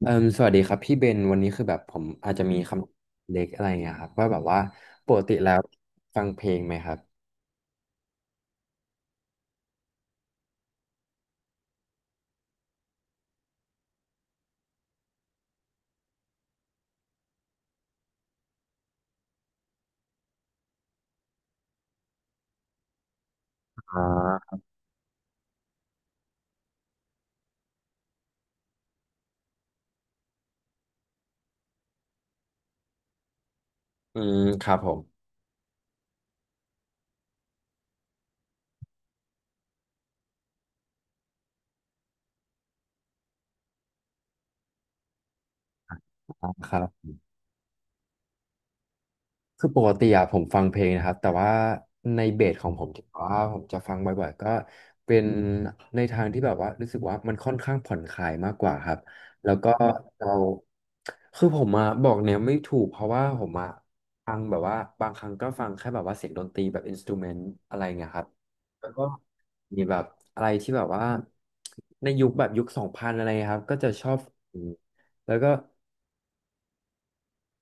เอ่มสวัสดีครับพี่เบนวันนี้คือแบบผมอาจจะมีคำเล็กอะไรเงี้ยครับว่าแบบว่าปกติแล้วฟังเพลงไหมครับอืมครับผมอ่าครับ คือปกติอะผมฟังเพลงนะครับแต่ว่าในเบสของผมที่ว่าผมจะฟังบ่อยๆก็เป็นในทางที่แบบว่ารู้สึกว่ามันค่อนข้างผ่อนคลายมากกว่าครับแล้วก็เราคือผมอะบอกเนียไม่ถูกเพราะว่าผมอะฟังแบบว่าบางครั้งก็ฟังแค่แบบว่าเสียงดนตรีแบบอินสตูเมนต์อะไรเงี้ยครับแล้วก็มีแบบอะไรที่แบบว่าในยุคแบบยุค 2000อะไรครับก็จะชอบแล้วก็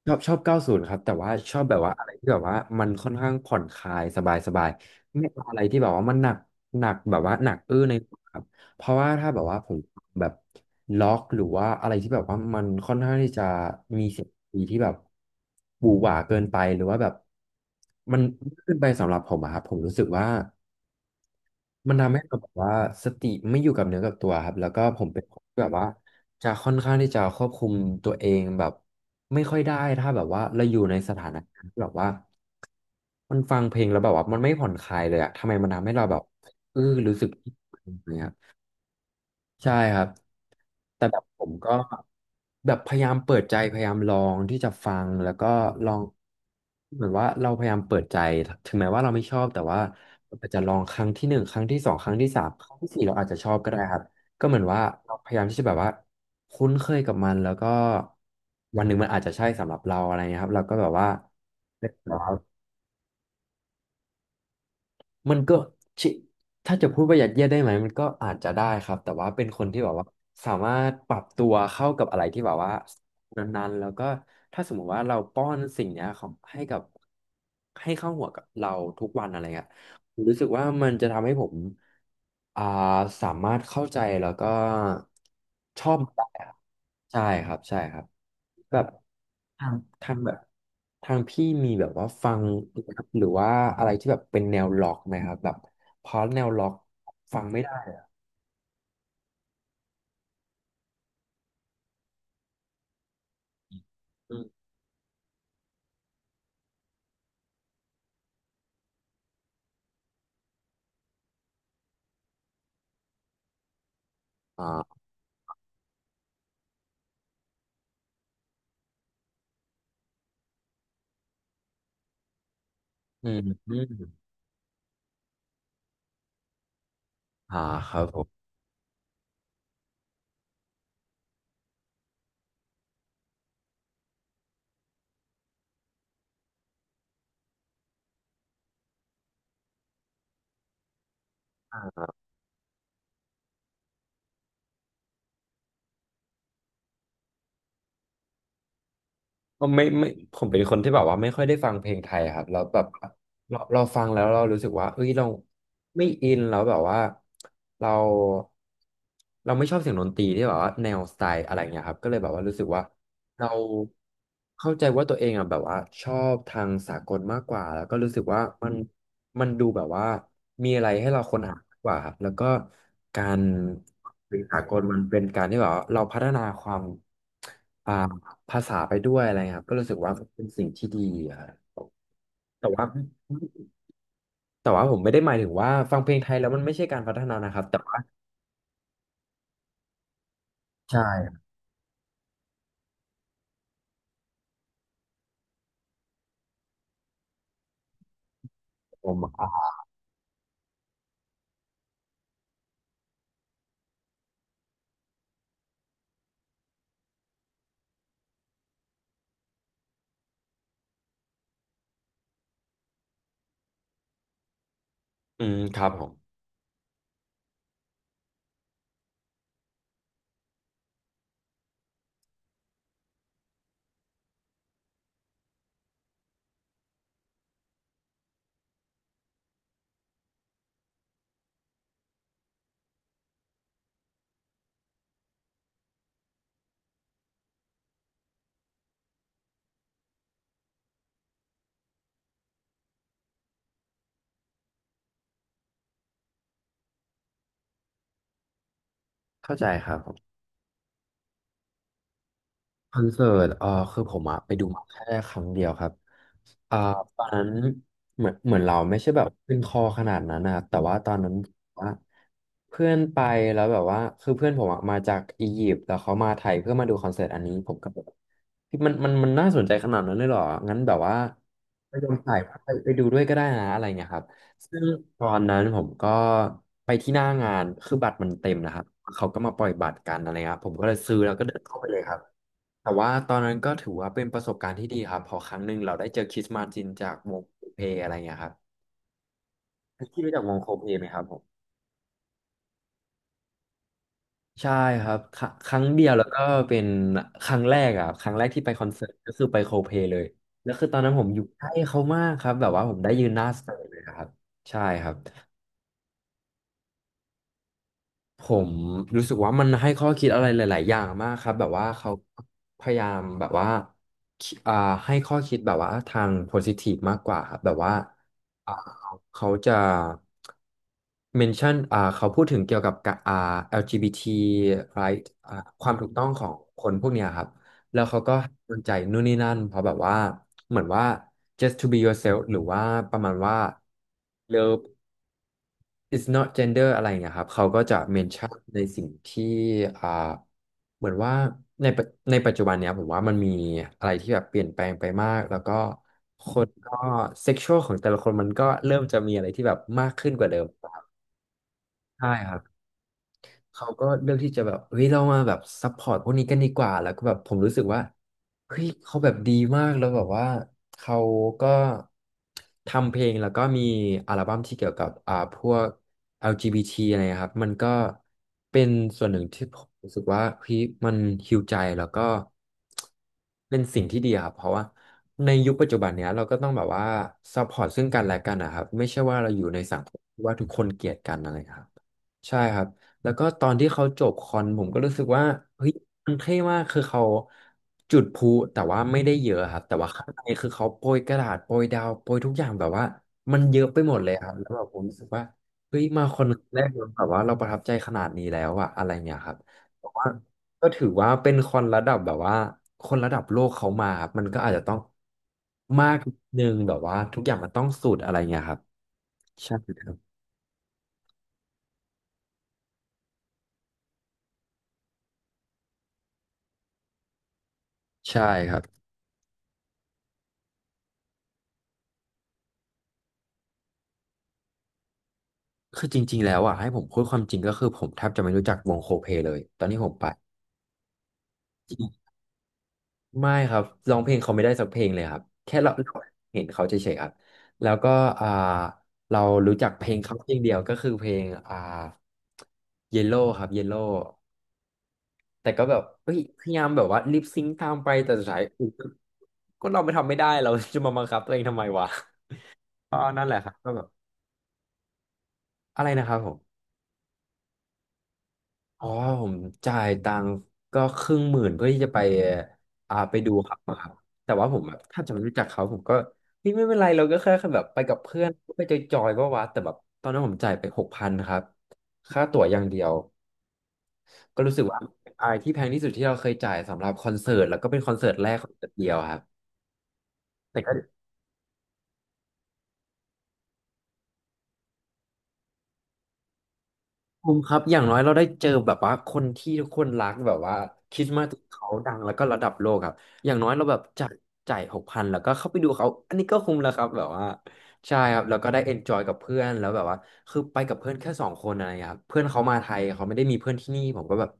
ชอบ90ครับแต่ว่าชอบแบบว่าอะไรที่แบบว่ามันค่อนข้างผ่อนคลายสบายสบายไม่เอาอะไรที่แบบว่ามันหนักหนักแบบว่าหนักอื้อในหัวครับเพราะว่าถ้าแบบว่าผมแบบล็อกหรือว่าอะไรที่แบบว่ามันค่อนข้างที่จะมีเสียงดนตรีที่แบบบูหวาเกินไปหรือว่าแบบมันเกินไปสำหรับผมอะครับผมรู้สึกว่า มันทำให้เราแบบว่าสติไม่อยู่กับเนื้อกับตัวครับแล้วก็ผมเป็นคนที่แบบว่าจะค่อนข้างที่จะควบคุมตัวเองแบบไม่ค่อยได้ถ้าแบบว่าเราอยู่ในสถานการณ์ที่แบบว่ามันฟังเพลงแล้วแบบว่ามันไม่ผ่อนคลายเลยอะทำไมมันทำให้เราแบบเออรู้สึก ใช่ครับแต่แบบผมก็แบบพยายามเปิดใจพยายามลองที่จะฟังแล้วก็ลองเหมือนว่าเราพยายามเปิดใจถึงแม้ว่าเราไม่ชอบแต่ว่าเราอาจจะลองครั้งที่หนึ่งครั้งที่สองครั้งที่สามครั้งที่สี่เราอาจจะชอบก็ได้ครับก็เหมือนว่าเราพยายามที่จะแบบว่าคุ้นเคยกับมันแล้วก็วันหนึ่งมันอาจจะใช่สำหรับเราอะไรเงี้ยครับเราก็แบบว่า มันก็ชิถ้าจะพูดว่ายัดเยียดได้ไหมมันก็อาจจะได้ครับ แต่ว่าเป็นคนที่แบบว่าสามารถปรับตัวเข้ากับอะไรที่แบบว่านั้นๆแล้วก็ถ้าสมมติว่าเราป้อนสิ่งเนี้ยของให้กับให้เข้าหัวกับเราทุกวันอะไรเงี้ยผมรู้สึกว่ามันจะทำให้ผมอ่าสามารถเข้าใจแล้วก็ชอบมันได้ครับใช่ครับใช่ครับแบบทางทางแบบ ทางพี่มีแบบว่าฟังครับหรือว่าอะไรที่แบบเป็นแนวล็อกไหมครับแบบเพราะแนวล็อกฟังไม่ได้อืมอ่าอืมอืมอ่าครับผม ก็ไม่ผมเป็นคนที่แบบว่าไม่ค่อยได้ฟังเพลงไทยครับแล้วแบบเราฟังแล้วเรารู้สึกว่าเอ้ยเราไม่อินแล้วแบบว่าเราเราไม่ชอบเสียงดนตรีที่แบบว่าแนวสไตล์อะไรเงี้ยครับก็เลยแบบว่ารู้สึกว่าเราเข้าใจว่าตัวเองอ่ะแบบว่าชอบทางสากลมากกว่าแล้วก็รู้สึกว่ามันมันดูแบบว่ามีอะไรให้เราค้นหามากกว่าครับแล้วก็การเป็นสากลมันเป็นการที่แบบว่าเราพัฒนาความอ่า ภาษาไปด้วยอะไรเงี้ยครับก็รู้สึกว่ามันเป็นสิ่งที่ดีอะครับแต่ว่าผมไม่ได้หมายถึงว่าฟังเพลงไทยแล้วมันไม่ใช่การพัฒนานะครับแต่ว่าใช่ครับผมอ่ะอืมครับผมเข้าใจครับผมคอนเสิร์ตเออคือผมอะไปดูมาแค่ครั้งเดียวครับอ่าตอนนั้นเหมือนเราไม่ใช่แบบขึ้นคอขนาดนั้นนะครับแต่ว่าตอนนั้นว่าเพื่อนไปแล้วแบบว่าคือเพื่อนผมอะมาจากอียิปต์แล้วเขามาไทยเพื่อมาดูคอนเสิร์ตอันนี้ผมก็แบบ พี่มันน่าสนใจขนาดนั้นเลยเหรองั้นแบบว่าไปยอมถ่ายภาพไปดูด้วยก็ได้นะอะไรเงี้ยครับซึ่งตอนนั้นผมก็ไปที่หน้างานคือบัตรมันเต็มนะครับ เขาก็มาปล่อยบัตรกันอะไรเงี้ยครับผมก็เลยซื้อแล้วก็เดินเข้าไปเลยครับแต่ว่าตอนนั้นก็ถือว่าเป็นประสบการณ์ที่ดีครับเพอครั้งหนึ่งเราได้เจอคริสมาจินจากวงโคเพลอะไรเงี้ยครับพี่รู้จักวงโคเพลไหมครับผม ใช่ครับครั้งเดียวแล้วก็เป็นครั้งแรกอะครับครั้งแรกที่ไปคอนเสิร์ตก็คือไปโคเพเลยแล้วคือตอนนั้นผมอยู่ใกล้เขามากครับแบบว่าผมได้ยืนหน้าสเตจเลยครับใช่ครับ ผมรู้สึกว่ามันให้ข้อคิดอะไรหลายๆอย่างมากครับแบบว่าเขาพยายามแบบว่าคิอ่าให้ข้อคิดแบบว่าทางโพซิทีฟมากกว่าครับแบบว่าอ่าเขาจะเมนชั่นเขาพูดถึงเกี่ยวกับกะLGBT right อ่าความถูกต้องของคนพวกเนี้ยครับแล้วเขาก็ให้กำลังใจนู่นนี่นั่นเพราะแบบว่าเหมือนว่า just to be yourself หรือว่าประมาณว่า love it's not gender อะไรอย่างเงี้ยครับเขาก็จะเมนชั่นในสิ่งที่อ่าเหมือนว่าในปัจจุบันเนี้ยผมว่ามันมีอะไรที่แบบเปลี่ยนแปลงไปมากแล้วก็คนก็เซ็กชวลของแต่ละคนมันก็เริ่มจะมีอะไรที่แบบมากขึ้นกว่าเดิมใช่ครับ เขาก็เลือกที่จะแบบเฮ้ยเรามาแบบซัพพอร์ตพวกนี้กันดีกว่าแล้วก็แบบผมรู้สึกว่าเฮ้ยเขาแบบดีมากแล้วแบบว่าเขาก็ทำเพลงแล้วก็มีอัลบั้มที่เกี่ยวกับพวก LGBT อลจีบีทีอะไรนะครับมันก็เป็นส่วนหนึ่งที่ผมรู้สึกว่าเฮ้ยมันฮีลใจแล้วก็เป็นสิ่งที่ดีอะครับเพราะว่าในยุคปัจจุบันเนี้ยเราก็ต้องแบบว่าซัพพอร์ตซึ่งกันและกันนะครับไม่ใช่ว่าเราอยู่ในสังคมที่ว่าทุกคนเกลียดกันอะไรครับ ใช่ครับแล้วก็ตอนที่เขาจบคอนผมก็รู้สึกว่าเฮ้ยมันเท่มากคือเขาจุดพลุแต่ว่าไม่ได้เยอะครับแต่ว่าข้างในคือเขาโปรยกระดาษโปรยดาวโปรยทุกอย่างแบบว่ามันเยอะไปหมดเลยครับแล้วแบบผมรู้สึกว่าเฮ้ยมาคอนแรกเราแบบว่าเราประทับใจขนาดนี้แล้วอะอะไรเงี้ยครับเพราะว่าก็ถือว่าเป็นคอนระดับแบบว่าคนระดับโลกเขามาครับมันก็อาจจะต้องมากนิดนึงแบบว่าทุกอย่างมันต้องสุดอะไรเงี้ยครับใช่ครับใช่ครับ คือจริงๆแล้วอ่ะให้ผมพูดความจริงก็คือผมแทบจะไม่รู้จักวงโคเพเลยตอนนี้ผมไปไม่ครับร้องเพลงเขาไม่ได้สักเพลงเลยครับแค่เราเห็นเขาเฉยๆครับแล้วก็อ่าเรารู้จักเพลงเขาเพลงเดียวก็คือเพลงเยลโล่ครับเยลโล่แต่ก็แบบเฮ้ยพยายามแบบว่าลิปซิงค์ตามไปแต่สุดท้ายอุ๊ยก็เราไม่ทำไม่ได้เราจะมาบังคับตัวเองทำไมวะก็นั่นแหละครับก็แบบอะไรนะครับผม อ๋อผมจ่ายตังค์ก็ครึ่งหมื่นเพื่อที่จะไปไปดูครับมาครับแต่ว่าผมแบบถ้าจะไม่รู้จักเขาผมก็เฮ้ยไม่เป็นไรเราก็แค่แบบไปกับเพื่อนไปจอยๆว่าวะแต่แบบตอนนั้นผมจ่ายไปหกพันครับค่าตั๋วอย่างเดียวก็รู้สึกว่าเป็นอายที่แพงที่สุดที่เราเคยจ่ายสำหรับคอนเสิร์ตแล้วก็เป็นคอนเสิร์ตแรกคอนเสิร์ตเดียวครับแต่ก็ คุ้มครับอย่างน้อยเราได้เจอแบบว่าคนที่ทุกคนรักแบบว่าคริสต์มาสเขาดังแล้วก็ระดับโลกครับอย่างน้อยเราแบบจ่ายหกพันแล้วก็เข้าไปดูเขาอันนี้ก็คุ้มแล้วครับแบบว่าใช่ครับแล้วก็ได้เอนจอยกับเพื่อนแล้วแบบว่าคือไปกับเพื่อนแค่สองคนอะไรเครับเพื่อนเขามาไทยเขาไม่ได้มีเพื่อนที่นี่ผมก็แบบ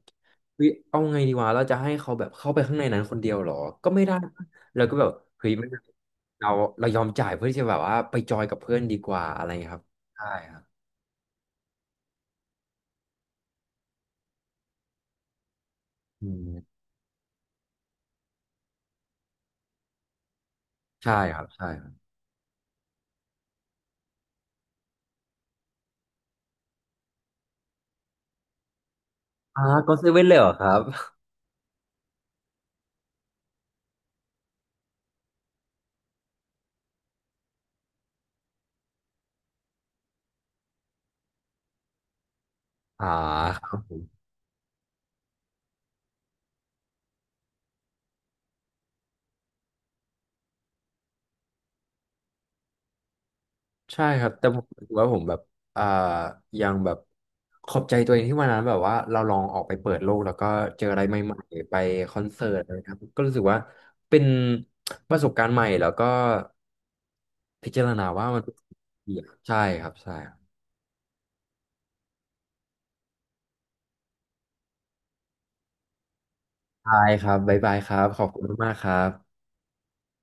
เฮ้ยเอาไงดีวะเราจะให้เขาแบบเข้าไปข้างในนั้นคนเดียวเหรอก็ไม่ได้แล้วก็แบบเฮ้ยไม่ได้เราเรายอมจ่ายเพื่อที่จะแบบว่าไปจอยกับเพื่อนดีกว่าอะไรอย่างเงี้ยครับใช่ครับอืมใช่ครับใช่ อ่าก็เซเว่นเลยเหรอครับอ่าครับผมใช่ครับ แต่ผมรู้สึกว่าผมแบบอ่ายังแบบขอบใจตัวเองที่วันนั้นแบบว่าเราลองออกไปเปิดโลกแล้วก็เจออะไรใหม่ๆไปคอนเสิร์ตอะไรครับก็รู้สึกว่าเป็นประสบการณ์ใหม่แล้วก็พิจารณาว่ามันเป็นสิ่งที่ดีอะใช่ครับใช่ครับใช่ครับบ๊ายบายครับ ขอบคุณมากๆครับ